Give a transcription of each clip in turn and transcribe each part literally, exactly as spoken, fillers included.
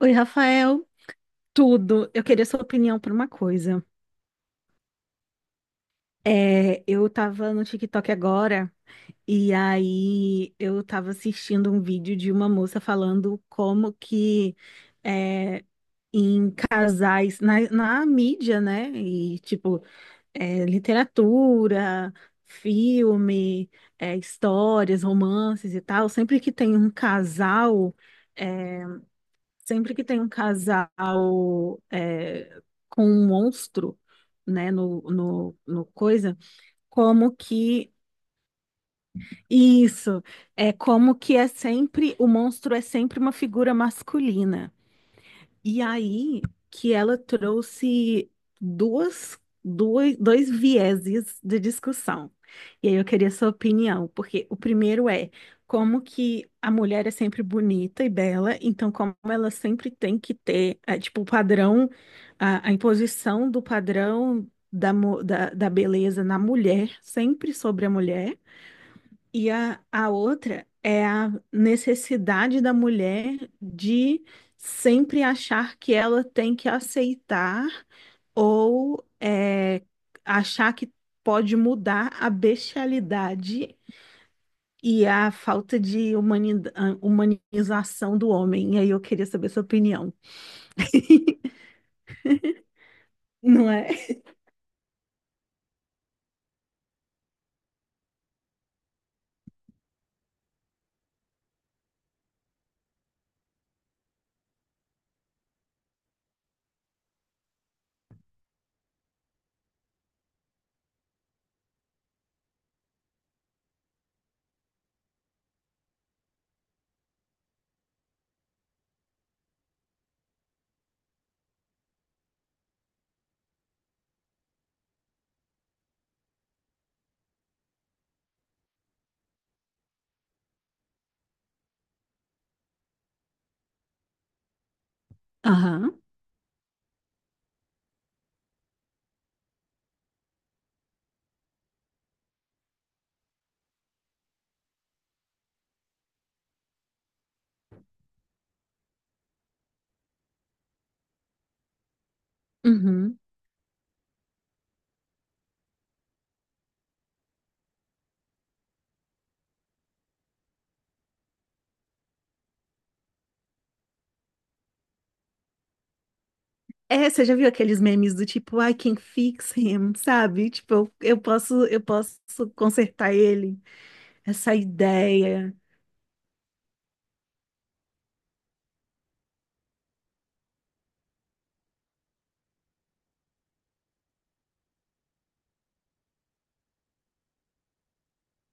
Oi, Rafael, tudo. Eu queria sua opinião por uma coisa. É, eu tava no TikTok agora e aí eu tava assistindo um vídeo de uma moça falando como que é, em casais, na, na mídia, né? E tipo, é, literatura, filme, é, histórias, romances e tal, sempre que tem um casal. é, Sempre que tem um casal é, com um monstro, né, no, no, no coisa, como que isso é como que é sempre o monstro, é sempre uma figura masculina. E aí que ela trouxe duas, duas, dois vieses de discussão. E aí eu queria sua opinião, porque o primeiro é como que a mulher é sempre bonita e bela, então como ela sempre tem que ter, eh, tipo, o padrão, a, a imposição do padrão da, mu- da, da beleza na mulher, sempre sobre a mulher. E a, a outra é a necessidade da mulher de sempre achar que ela tem que aceitar ou é, achar que pode mudar a bestialidade e a falta de humani- ah, humanização do homem. E aí eu queria saber sua opinião, não é? Aham. Uhum. É, você já viu aqueles memes do tipo, I can fix him, sabe? Tipo, eu, eu posso, eu posso consertar ele. Essa ideia.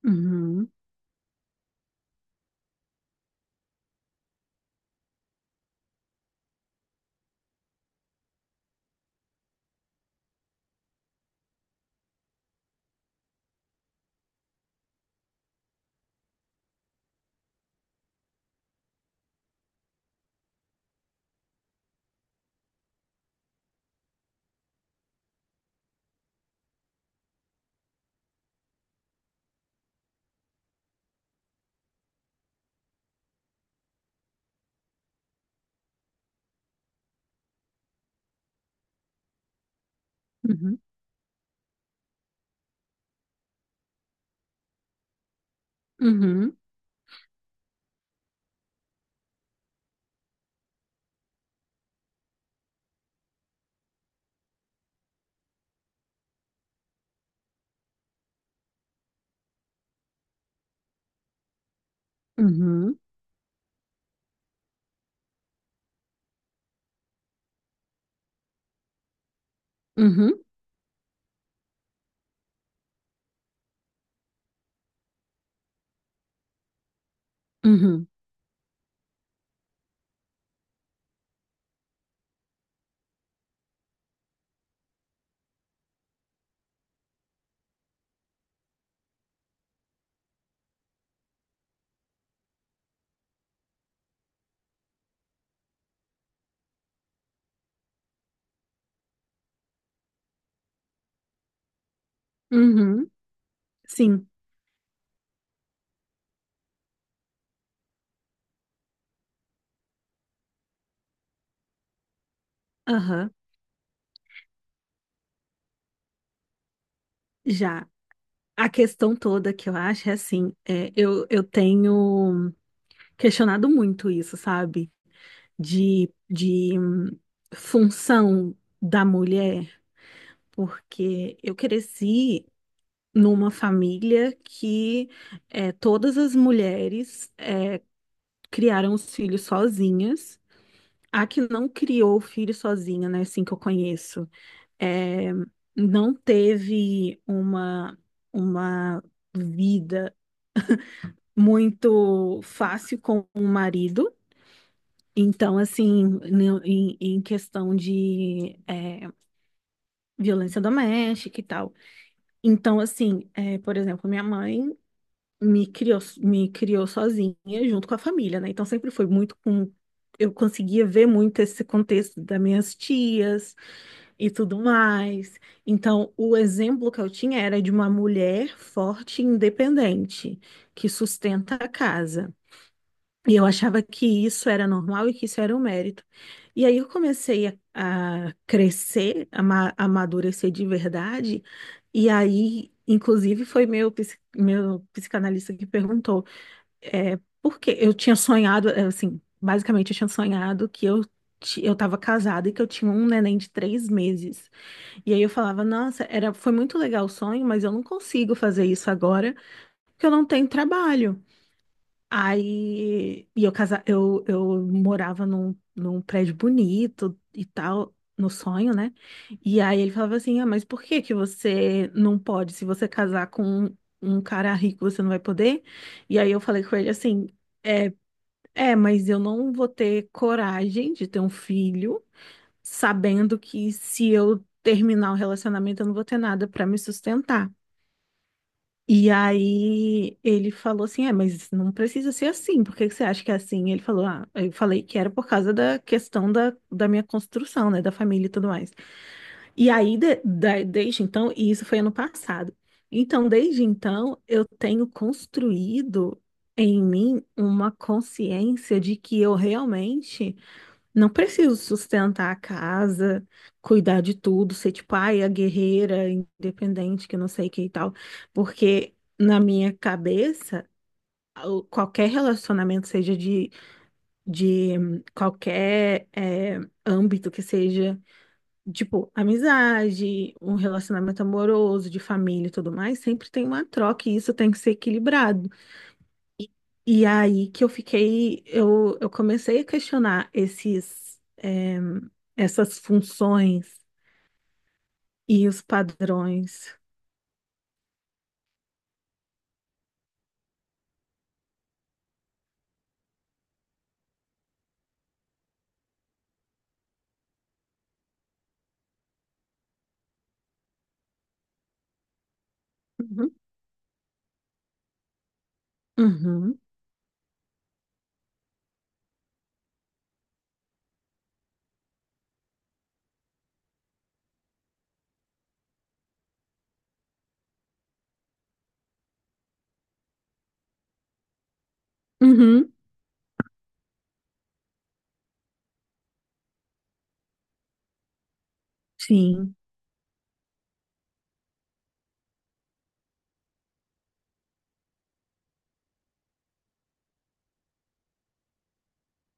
Uhum, uhum, uhum, uhum, uhum, uhum, uhum. Sim, aham, já. A questão toda que eu acho é assim, é, eu, eu tenho questionado muito isso, sabe? De, de hum, função da mulher, porque eu cresci numa família que é, todas as mulheres é, criaram os filhos sozinhas. A que não criou o filho sozinha, né? Assim que eu conheço. É, não teve uma, uma vida muito fácil com o marido. Então, assim, no- em, em questão de é, violência doméstica e tal. Então, assim, é, por exemplo, minha mãe me criou, me criou sozinha junto com a família, né? Então, sempre foi muito com. Eu conseguia ver muito esse contexto das minhas tias e tudo mais. Então, o exemplo que eu tinha era de uma mulher forte e independente, que sustenta a casa. E eu achava que isso era normal e que isso era um mérito. E aí eu comecei a, a crescer, a, ma- a amadurecer de verdade. E aí, inclusive, foi meu, psi- meu psicanalista que perguntou, é, por que eu tinha sonhado, é, assim, basicamente eu tinha sonhado que eu, ti- eu estava casada e que eu tinha um neném de três meses. E aí eu falava, nossa, era, foi muito legal o sonho, mas eu não consigo fazer isso agora, porque eu não tenho trabalho. Aí, e eu casa, eu, eu morava num, num prédio bonito e tal, no sonho, né? E aí ele falava assim, ah, mas por que que você não pode? Se você casar com um um cara rico, você não vai poder? E aí eu falei com ele assim, é, é, mas eu não vou ter coragem de ter um filho sabendo que se eu terminar o relacionamento, eu não vou ter nada para me sustentar. E aí ele falou assim: é, mas não precisa ser assim, por que que você acha que é assim? Ele falou: ah, eu falei que era por causa da questão da, da minha construção, né, da família e tudo mais. E aí, de- da- desde então, e isso foi ano passado. Então, desde então, eu tenho construído em mim uma consciência de que eu realmente não preciso sustentar a casa, cuidar de tudo, ser tipo, ai, a guerreira, independente, que não sei o que e tal. Porque na minha cabeça, o- qualquer relacionamento, seja de, de hum, qualquer é, âmbito que seja, tipo, amizade, um relacionamento amoroso, de família e tudo mais, sempre tem uma troca e isso tem que ser equilibrado. E aí que eu fiquei, eu, eu comecei a questionar esses, eh, essas funções e os padrões. Uhum, uhum, uhum, sim,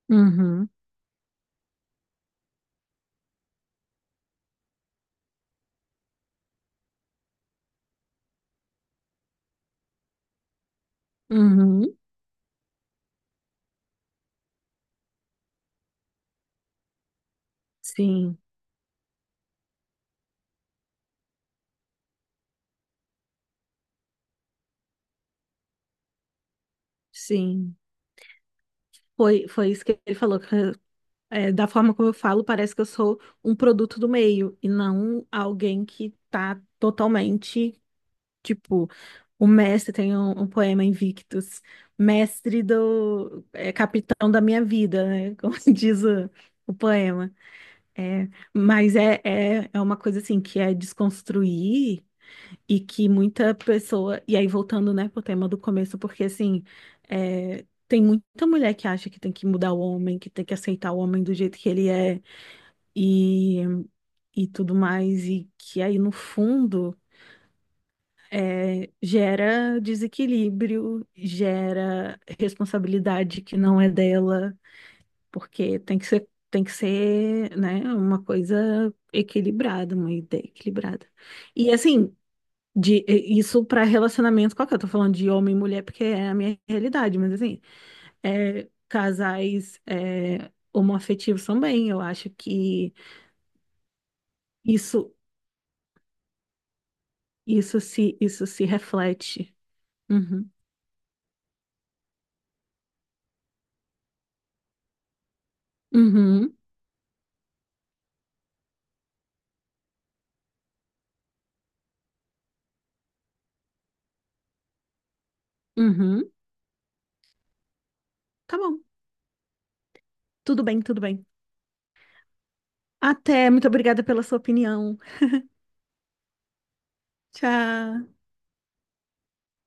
uhum, uhum, sim, sim. Foi, foi isso que ele falou, que, eh, da forma como eu falo, parece que eu sou um produto do meio e não alguém que está totalmente. Tipo, o mestre tem um, um poema Invictus, mestre do, é, capitão da minha vida, né? Como diz o, o poema. É, mas é, é, é uma coisa assim que é desconstruir e que muita pessoa. E aí, voltando, né, pro tema do começo, porque assim, é, tem muita mulher que acha que tem que mudar o homem, que tem que aceitar o homem do jeito que ele é e, e tudo mais, e que aí, no fundo é, gera desequilíbrio, gera responsabilidade que não é dela, porque tem que ser, tem que ser, né, uma coisa equilibrada, uma ideia equilibrada. E assim, de, e- isso para relacionamento qualquer, eu tô falando de homem e mulher porque é a minha realidade, mas assim, é, casais é, homoafetivos também, eu acho que isso, isso se, isso se reflete. Uhum. Uhum. Uhum. Tá bom. Tudo bem, tudo bem. Até, muito obrigada pela sua opinião. Tchau.